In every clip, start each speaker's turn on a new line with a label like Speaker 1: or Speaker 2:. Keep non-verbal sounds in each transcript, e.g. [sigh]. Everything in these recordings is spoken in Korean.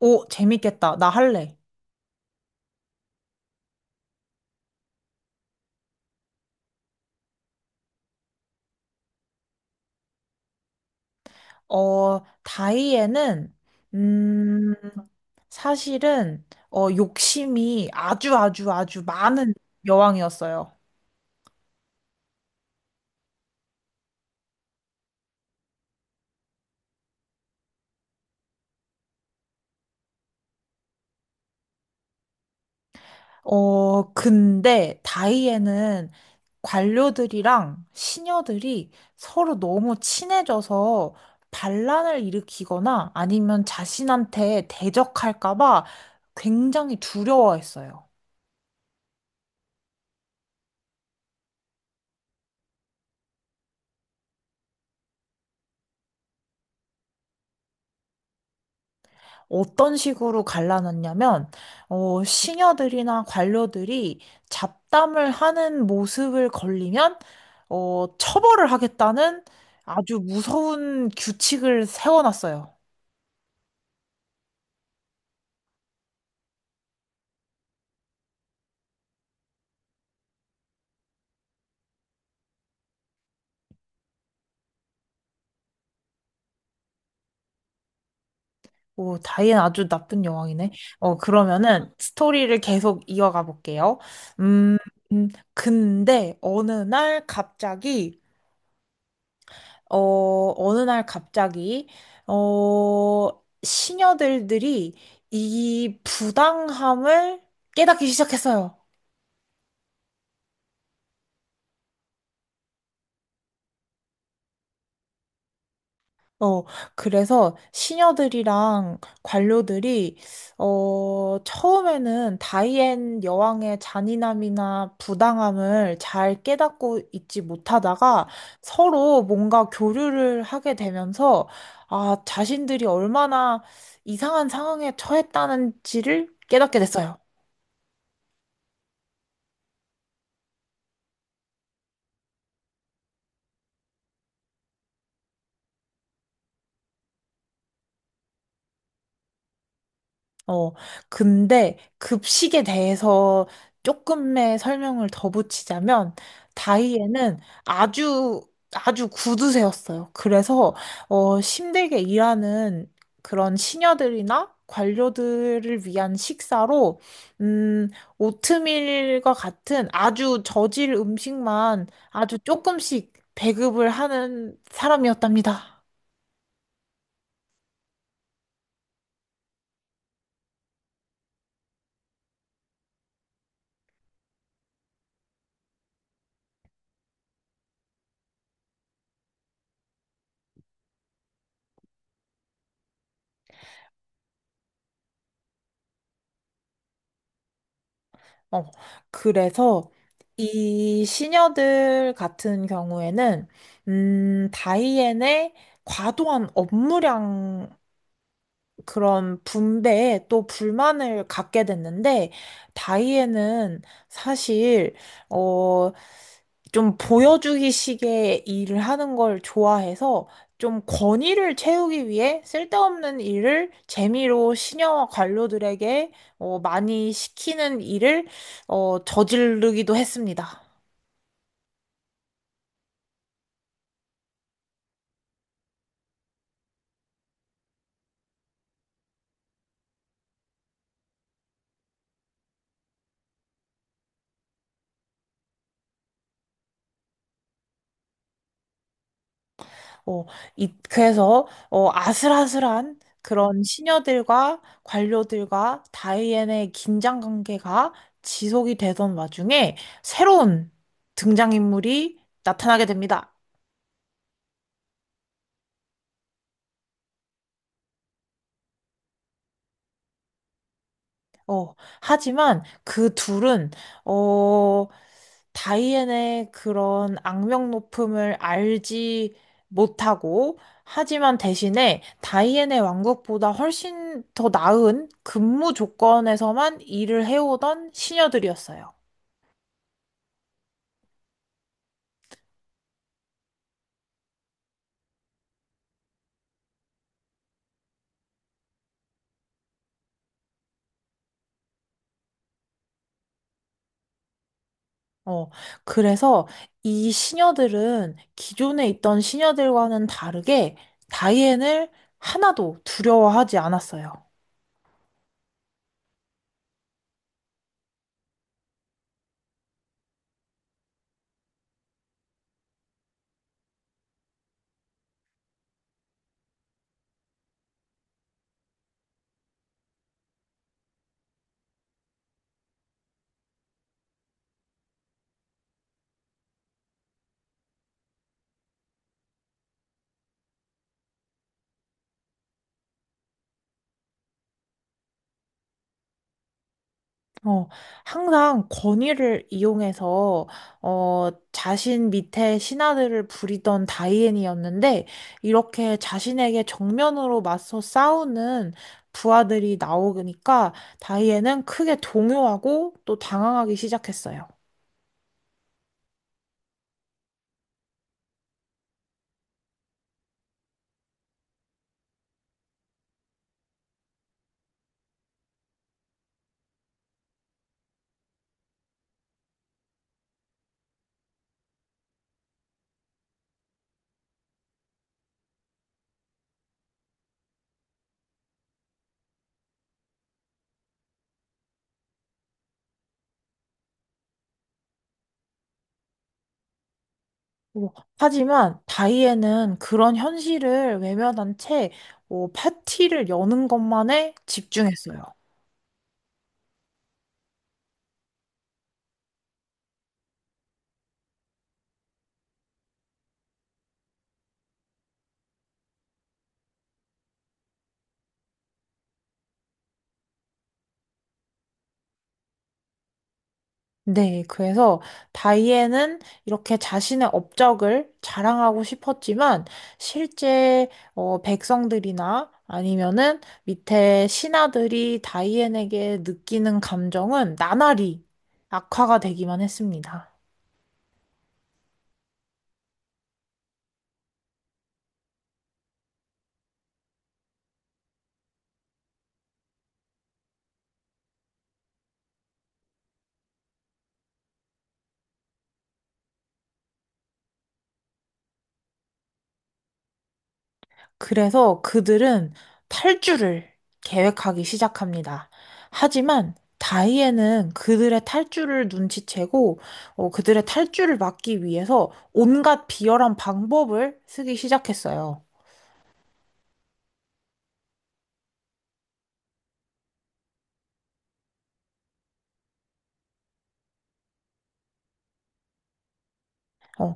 Speaker 1: 오, 재밌겠다. 나 할래. 다이애는, 음, 사실은, 욕심이 아주 아주 아주 많은 여왕이었어요. 근데 다이애는 관료들이랑 시녀들이 서로 너무 친해져서 반란을 일으키거나 아니면 자신한테 대적할까 봐 굉장히 두려워했어요. 어떤 식으로 갈라놨냐면, 시녀들이나 관료들이 잡담을 하는 모습을 걸리면, 처벌을 하겠다는 아주 무서운 규칙을 세워놨어요. 오, 다이앤 아주 나쁜 여왕이네. 그러면은 스토리를 계속 이어가 볼게요. 음, 음, 근데 어느 날 갑자기, 어, 시녀들들이 이 부당함을 깨닫기 시작했어요. 어, 그래서 시녀들이랑 관료들이, 처음에는 다이앤 여왕의 잔인함이나 부당함을 잘 깨닫고 있지 못하다가 서로 뭔가 교류를 하게 되면서, 아, 자신들이 얼마나 이상한 상황에 처했다는지를 깨닫게 됐어요. 어, 근데 급식에 대해서 조금의 설명을 더 붙이자면, 다이에는 아주, 아주 구두쇠였어요. 그래서, 힘들게 일하는 그런 시녀들이나 관료들을 위한 식사로, 음, 오트밀과 같은 아주 저질 음식만 아주 조금씩 배급을 하는 사람이었답니다. 어, 그래서 이 시녀들 같은 경우에는, 다이앤의 과도한 업무량 그런 분배에 또 불만을 갖게 됐는데, 다이앤은 사실, 어, 좀 보여주기식의 일을 하는 걸 좋아해서, 좀 권위를 채우기 위해 쓸데없는 일을 재미로 시녀와 관료들에게 많이 시키는 일을 저지르기도 했습니다. 어, 그래서 아슬아슬한 그런 시녀들과 관료들과 다이앤의 긴장 관계가 지속이 되던 와중에 새로운 등장인물이 나타나게 됩니다. 어, 하지만 그 둘은, 어, 다이앤의 그런 악명 높음을 알지 못하고, 하지만 대신에 다이앤의 왕국보다 훨씬 더 나은 근무 조건에서만 일을 해오던 시녀들이었어요. 어, 그래서 이 시녀들은 기존에 있던 시녀들과는 다르게 다이앤을 하나도 두려워하지 않았어요. 어, 항상 권위를 이용해서, 자신 밑에 신하들을 부리던 다이앤이었는데, 이렇게 자신에게 정면으로 맞서 싸우는 부하들이 나오니까, 다이앤은 크게 동요하고 또 당황하기 시작했어요. 어, 하지만 다이앤은 그런 현실을 외면한 채, 파티를 여는 것만에 집중했어요. 네, 그래서 다이앤은 이렇게 자신의 업적을 자랑하고 싶었지만 실제 백성들이나 아니면은 밑에 신하들이 다이앤에게 느끼는 감정은 나날이 악화가 되기만 했습니다. 그래서 그들은 탈주를 계획하기 시작합니다. 하지만 다이앤은 그들의 탈주를 눈치채고 그들의 탈주를 막기 위해서 온갖 비열한 방법을 쓰기 시작했어요. 어,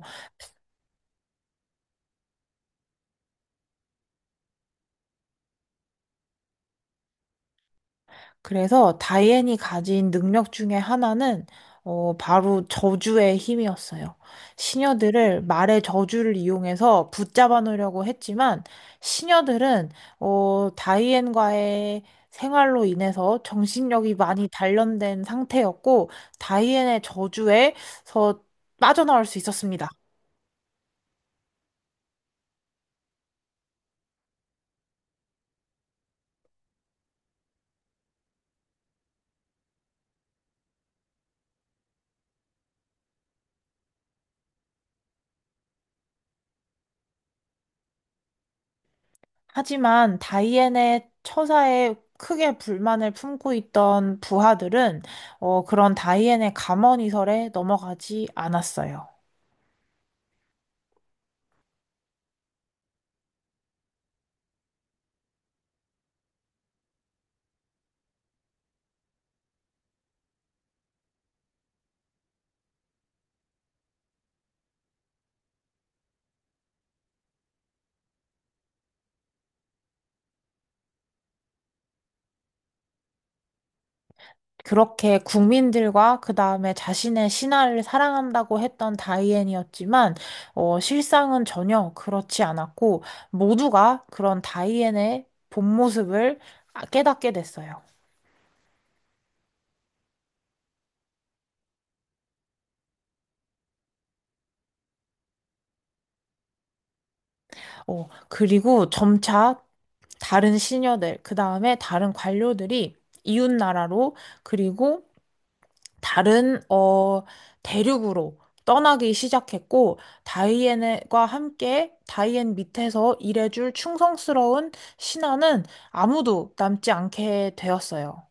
Speaker 1: 그래서 다이앤이 가진 능력 중에 하나는 바로 저주의 힘이었어요. 시녀들을 말의 저주를 이용해서 붙잡아 놓으려고 했지만 시녀들은 다이앤과의 생활로 인해서 정신력이 많이 단련된 상태였고 다이앤의 저주에서 빠져나올 수 있었습니다. 하지만 다이앤의 처사에 크게 불만을 품고 있던 부하들은 그런 다이앤의 감언이설에 넘어가지 않았어요. 그렇게 국민들과 그 다음에 자신의 신하를 사랑한다고 했던 다이앤이었지만 실상은 전혀 그렇지 않았고 모두가 그런 다이앤의 본 모습을 깨닫게 됐어요. 그리고 점차 다른 시녀들, 그 다음에 다른 관료들이 이웃나라로, 그리고 다른 대륙으로 떠나기 시작했고, 다이앤과 함께 다이앤 밑에서 일해줄 충성스러운 신하는 아무도 남지 않게 되었어요.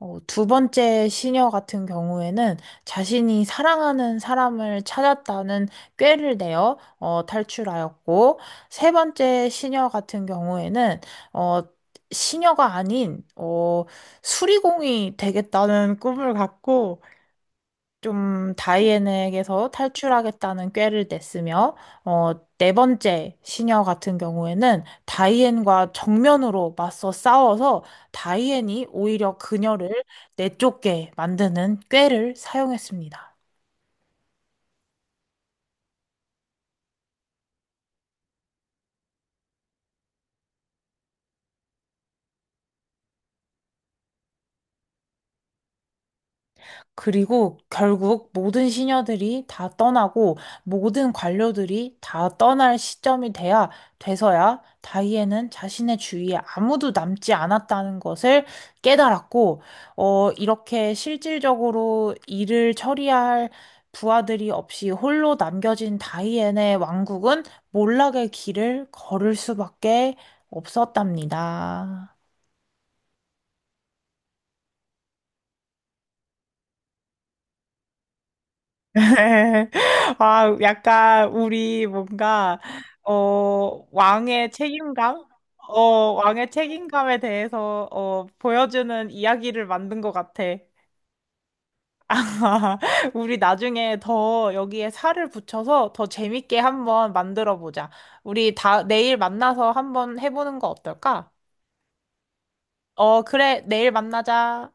Speaker 1: 두 번째 시녀 같은 경우에는 자신이 사랑하는 사람을 찾았다는 꾀를 내어 탈출하였고, 세 번째 시녀 같은 경우에는 어, 시녀가 아닌 수리공이 되겠다는 꿈을 갖고 좀 다이앤에게서 탈출하겠다는 꾀를 냈으며, 어, 네 번째 시녀 같은 경우에는 다이앤과 정면으로 맞서 싸워서 다이앤이 오히려 그녀를 내쫓게 만드는 꾀를 사용했습니다. 그리고 결국 모든 시녀들이 다 떠나고 모든 관료들이 다 떠날 시점이 돼야 돼서야 다이앤은 자신의 주위에 아무도 남지 않았다는 것을 깨달았고, 이렇게 실질적으로 일을 처리할 부하들이 없이 홀로 남겨진 다이앤의 왕국은 몰락의 길을 걸을 수밖에 없었답니다. [laughs] 아, 약간 우리 뭔가 왕의 책임감? 어, 왕의 책임감에 대해서 보여주는 이야기를 만든 것 같아. [laughs] 우리 나중에 더 여기에 살을 붙여서 더 재밌게 한번 만들어 보자. 우리 다 내일 만나서 한번 해보는 거 어떨까? 어, 그래, 내일 만나자.